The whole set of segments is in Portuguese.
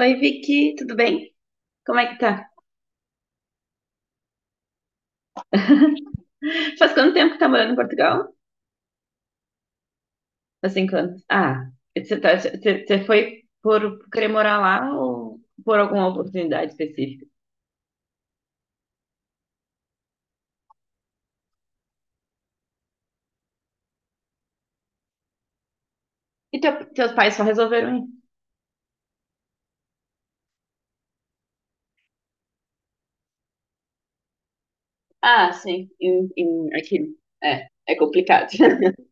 Oi, Vicky, tudo bem? Como é que tá? Faz quanto tempo que tá morando em Portugal? Faz 5 anos. Você você foi por querer morar lá ou por alguma oportunidade específica? E teus pais só resolveram ir? Aqui é complicado.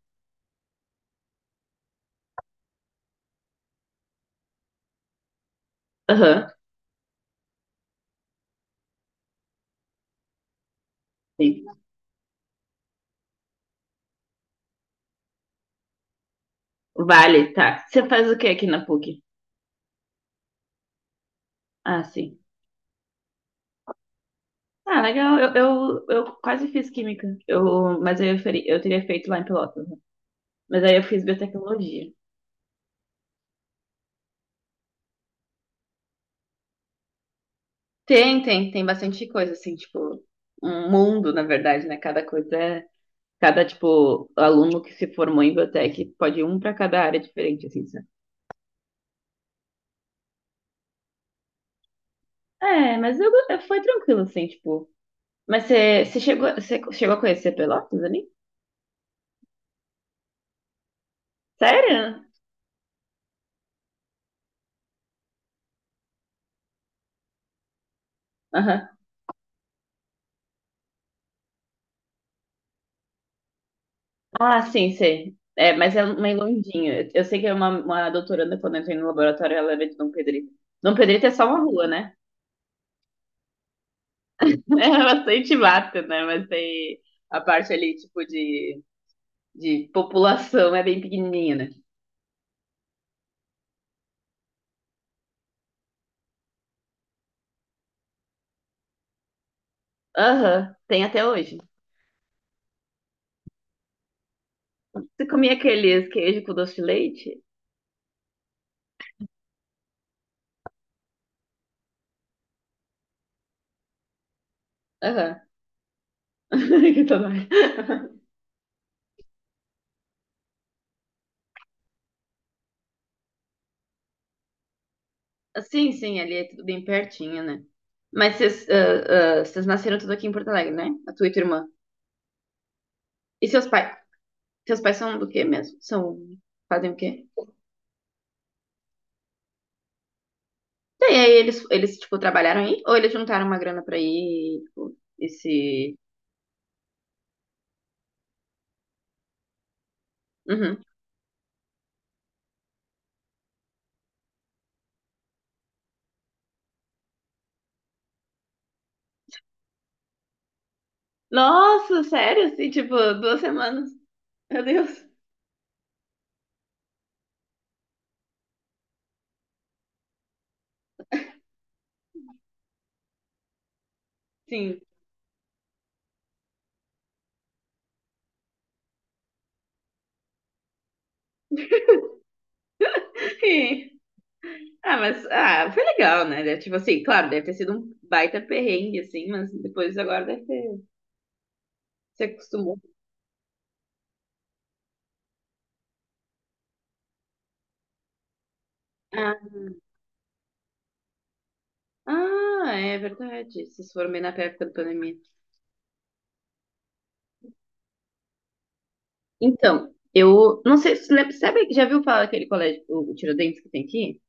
Aham, sim. Vale, tá. Você faz o que aqui na PUC? Ah, sim. Ah, legal. Eu quase fiz química. Eu, mas eu, feri- Eu teria feito lá em Pelotas, né? Mas aí eu fiz biotecnologia. Tem bastante coisa, assim, tipo, um mundo, na verdade, né? Cada coisa é. Cada, tipo, aluno que se formou em biotech pode ir um para cada área diferente, assim, sabe? Foi tranquilo, assim, tipo. Mas você chegou a conhecer Pelotas ali? Sério? Aham. Ah, sim, sei. É, mas é meio longinho. Eu sei que é uma doutoranda, quando eu entrei no laboratório, ela era de Dom Pedrito. Dom Pedrito é só uma rua, né? É bastante mata, né? Mas tem a parte ali, tipo, de. De população é bem pequenininha, né? Aham, tem até hoje. Você comia aqueles queijo com doce de leite? Aham. Que tá. Sim, sim, ali é tudo bem pertinho, né? Mas vocês, vocês nasceram tudo aqui em Porto Alegre, né? A tua e tua irmã. E seus pais? Seus pais são do quê mesmo? São, fazem o quê? E aí tipo, trabalharam aí? Ou eles juntaram uma grana pra ir, tipo, esse... Uhum. Nossa, sério? Assim, tipo, duas semanas. Meu Deus. Sim. Sim. Ah, mas foi legal, né? Tipo assim, claro, deve ter sido um baita perrengue, assim, mas depois agora deve ter se acostumou. Ah, É verdade. Vocês foram bem na época da pandemia. Então, eu não sei se você lembra, sabe, já viu falar aquele colégio, o Tiradentes que tem aqui?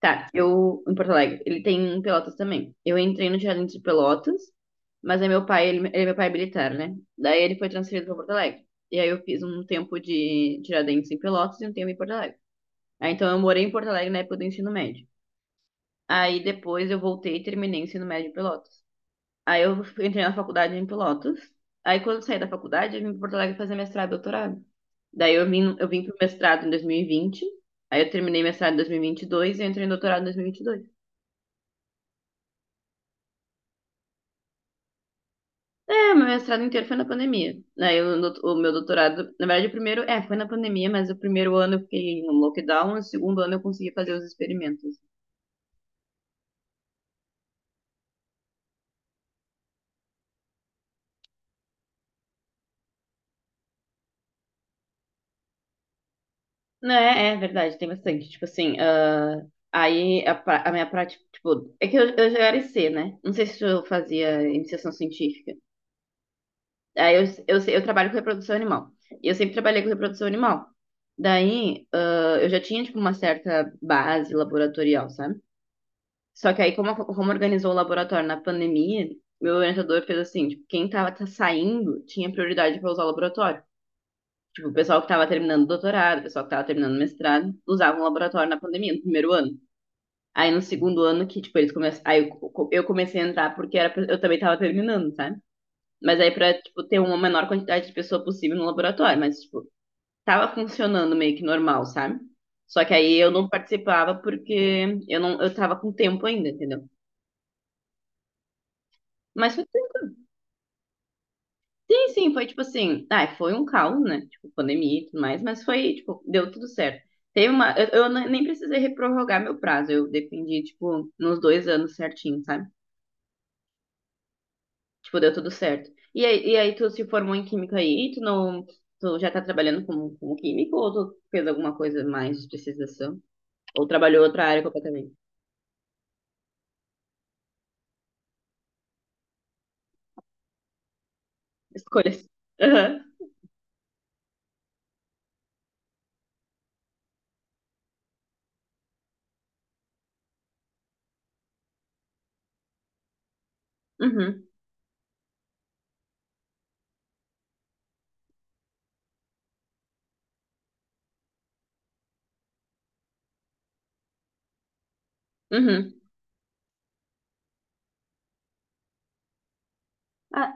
Tá, eu, em Porto Alegre, ele tem em Pelotas também. Eu entrei no Tiradentes de Pelotas, mas é meu pai, meu pai é militar, né? Daí ele foi transferido para Porto Alegre. E aí eu fiz um tempo de Tiradentes em Pelotas e um tempo em Porto Alegre. Aí, então, eu morei em Porto Alegre na época do ensino médio. Aí, depois, eu voltei e terminei o ensino médio em Pelotas. Aí, eu entrei na faculdade em Pelotas. Aí, quando eu saí da faculdade, eu vim para Porto Alegre fazer mestrado e doutorado. Daí, eu vim para o mestrado em 2020. Aí, eu terminei mestrado em 2022 e vinte e dois e eu entrei em doutorado em 2022. É, meu mestrado inteiro foi na pandemia. O meu doutorado, na verdade, o primeiro, foi na pandemia, mas o primeiro ano eu fiquei no lockdown, o segundo ano eu consegui fazer os experimentos. Né, é verdade, tem bastante. Tipo assim, a minha prática, tipo, é que eu, já era IC, né? Não sei se eu fazia iniciação científica. Aí eu, sei- Eu trabalho com reprodução animal. E eu sempre trabalhei com reprodução animal. Daí, eu já tinha, tipo, uma certa base laboratorial, sabe? Só que aí, como organizou o laboratório na pandemia, meu orientador fez assim, tipo, quem tava tá saindo tinha prioridade para usar o laboratório. Tipo, o pessoal que estava terminando doutorado, o pessoal que estava terminando mestrado, usava um laboratório na pandemia, no primeiro ano. Aí no segundo ano que, tipo, eles começaram. Eu comecei a entrar porque era... eu também estava terminando, sabe? Mas aí pra, tipo, ter uma menor quantidade de pessoa possível no laboratório. Mas, tipo, tava funcionando meio que normal, sabe? Só que aí eu não participava porque eu não, eu tava com tempo ainda, entendeu? Mas foi. Sim, sim, foi tipo assim, ah, foi um caos, né? Tipo, pandemia e tudo mais, mas foi, tipo, deu tudo certo. Teve uma, eu ne- Nem precisei reprorrogar meu prazo, eu dependi, tipo, nos 2 anos certinho, sabe? Tipo, deu tudo certo. E aí tu se formou em química aí, tu não, tu já tá trabalhando como, como químico ou tu fez alguma coisa mais de especialização? Ou trabalhou outra área completamente? Escolhas. Aham, uhum. Ah,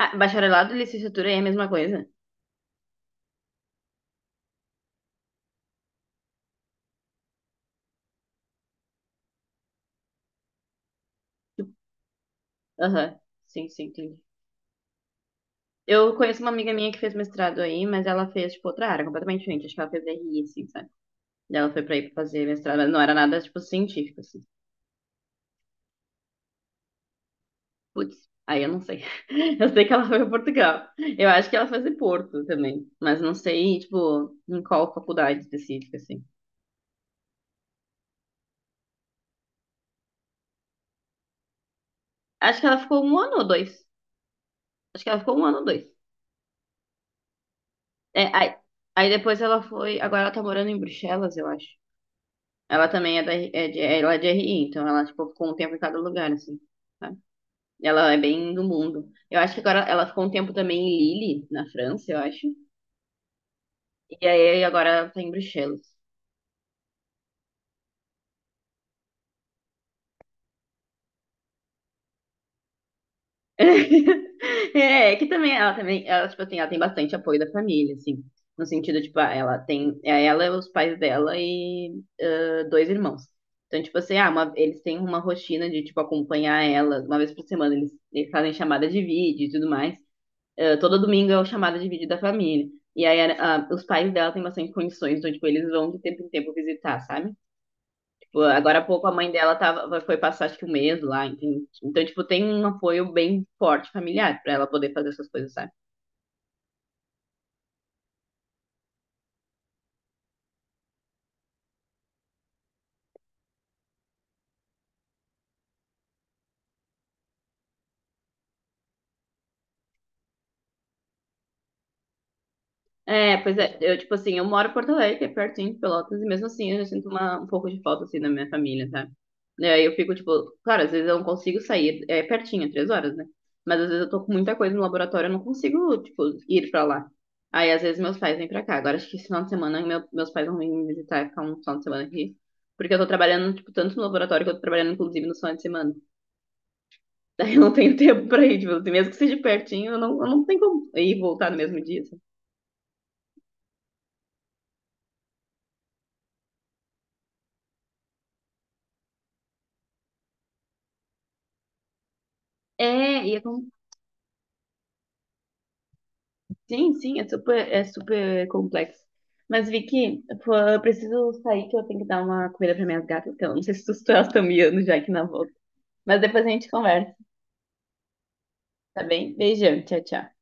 Bacharelado e licenciatura aí é a mesma coisa? Aham. Sim, sim, entendi. Eu conheço uma amiga minha que fez mestrado aí, mas ela fez, tipo, outra área completamente diferente. Acho que ela fez RI, assim, sabe? E ela foi pra ir pra fazer mestrado, mas não era nada, tipo, científico, assim. Putz, aí eu não sei. Eu sei que ela foi pra Portugal. Eu acho que ela fez em Porto também, mas não sei, tipo, em qual faculdade específica, assim. Acho que ela ficou um ano ou dois. Acho que ela ficou um ano ou dois. É, aí, Aí depois ela foi. Agora ela tá morando em Bruxelas, eu acho. Ela também é, ela é de RI, então ela, tipo, ficou um tempo em cada lugar, assim, sabe? Ela é bem do mundo. Eu acho que agora ela ficou um tempo também em Lille, na França, eu acho. E aí agora ela tá em Bruxelas. É, que também tipo assim, ela tem bastante apoio da família, assim. No sentido, tipo, ela tem, ela, os pais dela e dois irmãos. Então, tipo assim, eles têm uma rotina de, tipo, acompanhar ela. Uma vez por semana eles fazem chamada de vídeo e tudo mais. Todo domingo é o chamado de vídeo da família. Os pais dela têm bastante condições, então, tipo, eles vão de tempo em tempo visitar, sabe? Tipo, agora há pouco a mãe dela tava, foi passar, acho que um mês lá, entende? Então, tipo, tem um apoio bem forte familiar pra ela poder fazer essas coisas, sabe? É, pois é, eu, tipo assim, eu moro em Porto Alegre, que é pertinho de Pelotas, e mesmo assim eu já sinto um pouco de falta, assim, da minha família, sabe? E aí eu fico, tipo, claro, às vezes eu não consigo sair, é pertinho, é 3 horas, né? Mas às vezes eu tô com muita coisa no laboratório, eu não consigo, tipo, ir pra lá. Aí às vezes meus pais vêm pra cá. Agora acho que esse final de semana meus pais vão vir me visitar e ficar um final de semana aqui. Porque eu tô trabalhando, tipo, tanto no laboratório que eu tô trabalhando, inclusive, no final de semana. Daí eu não tenho tempo pra ir, tipo, assim, mesmo que seja pertinho, eu não tenho como ir e voltar no mesmo dia, sabe? É, e é. Sim, sim, é super complexo. Mas, Vicky, pô, eu preciso sair que eu tenho que dar uma comida para minhas gatas, que eu não sei se elas estão miando já aqui na volta. Mas depois a gente conversa, tá bem? Beijão, tchau, tchau.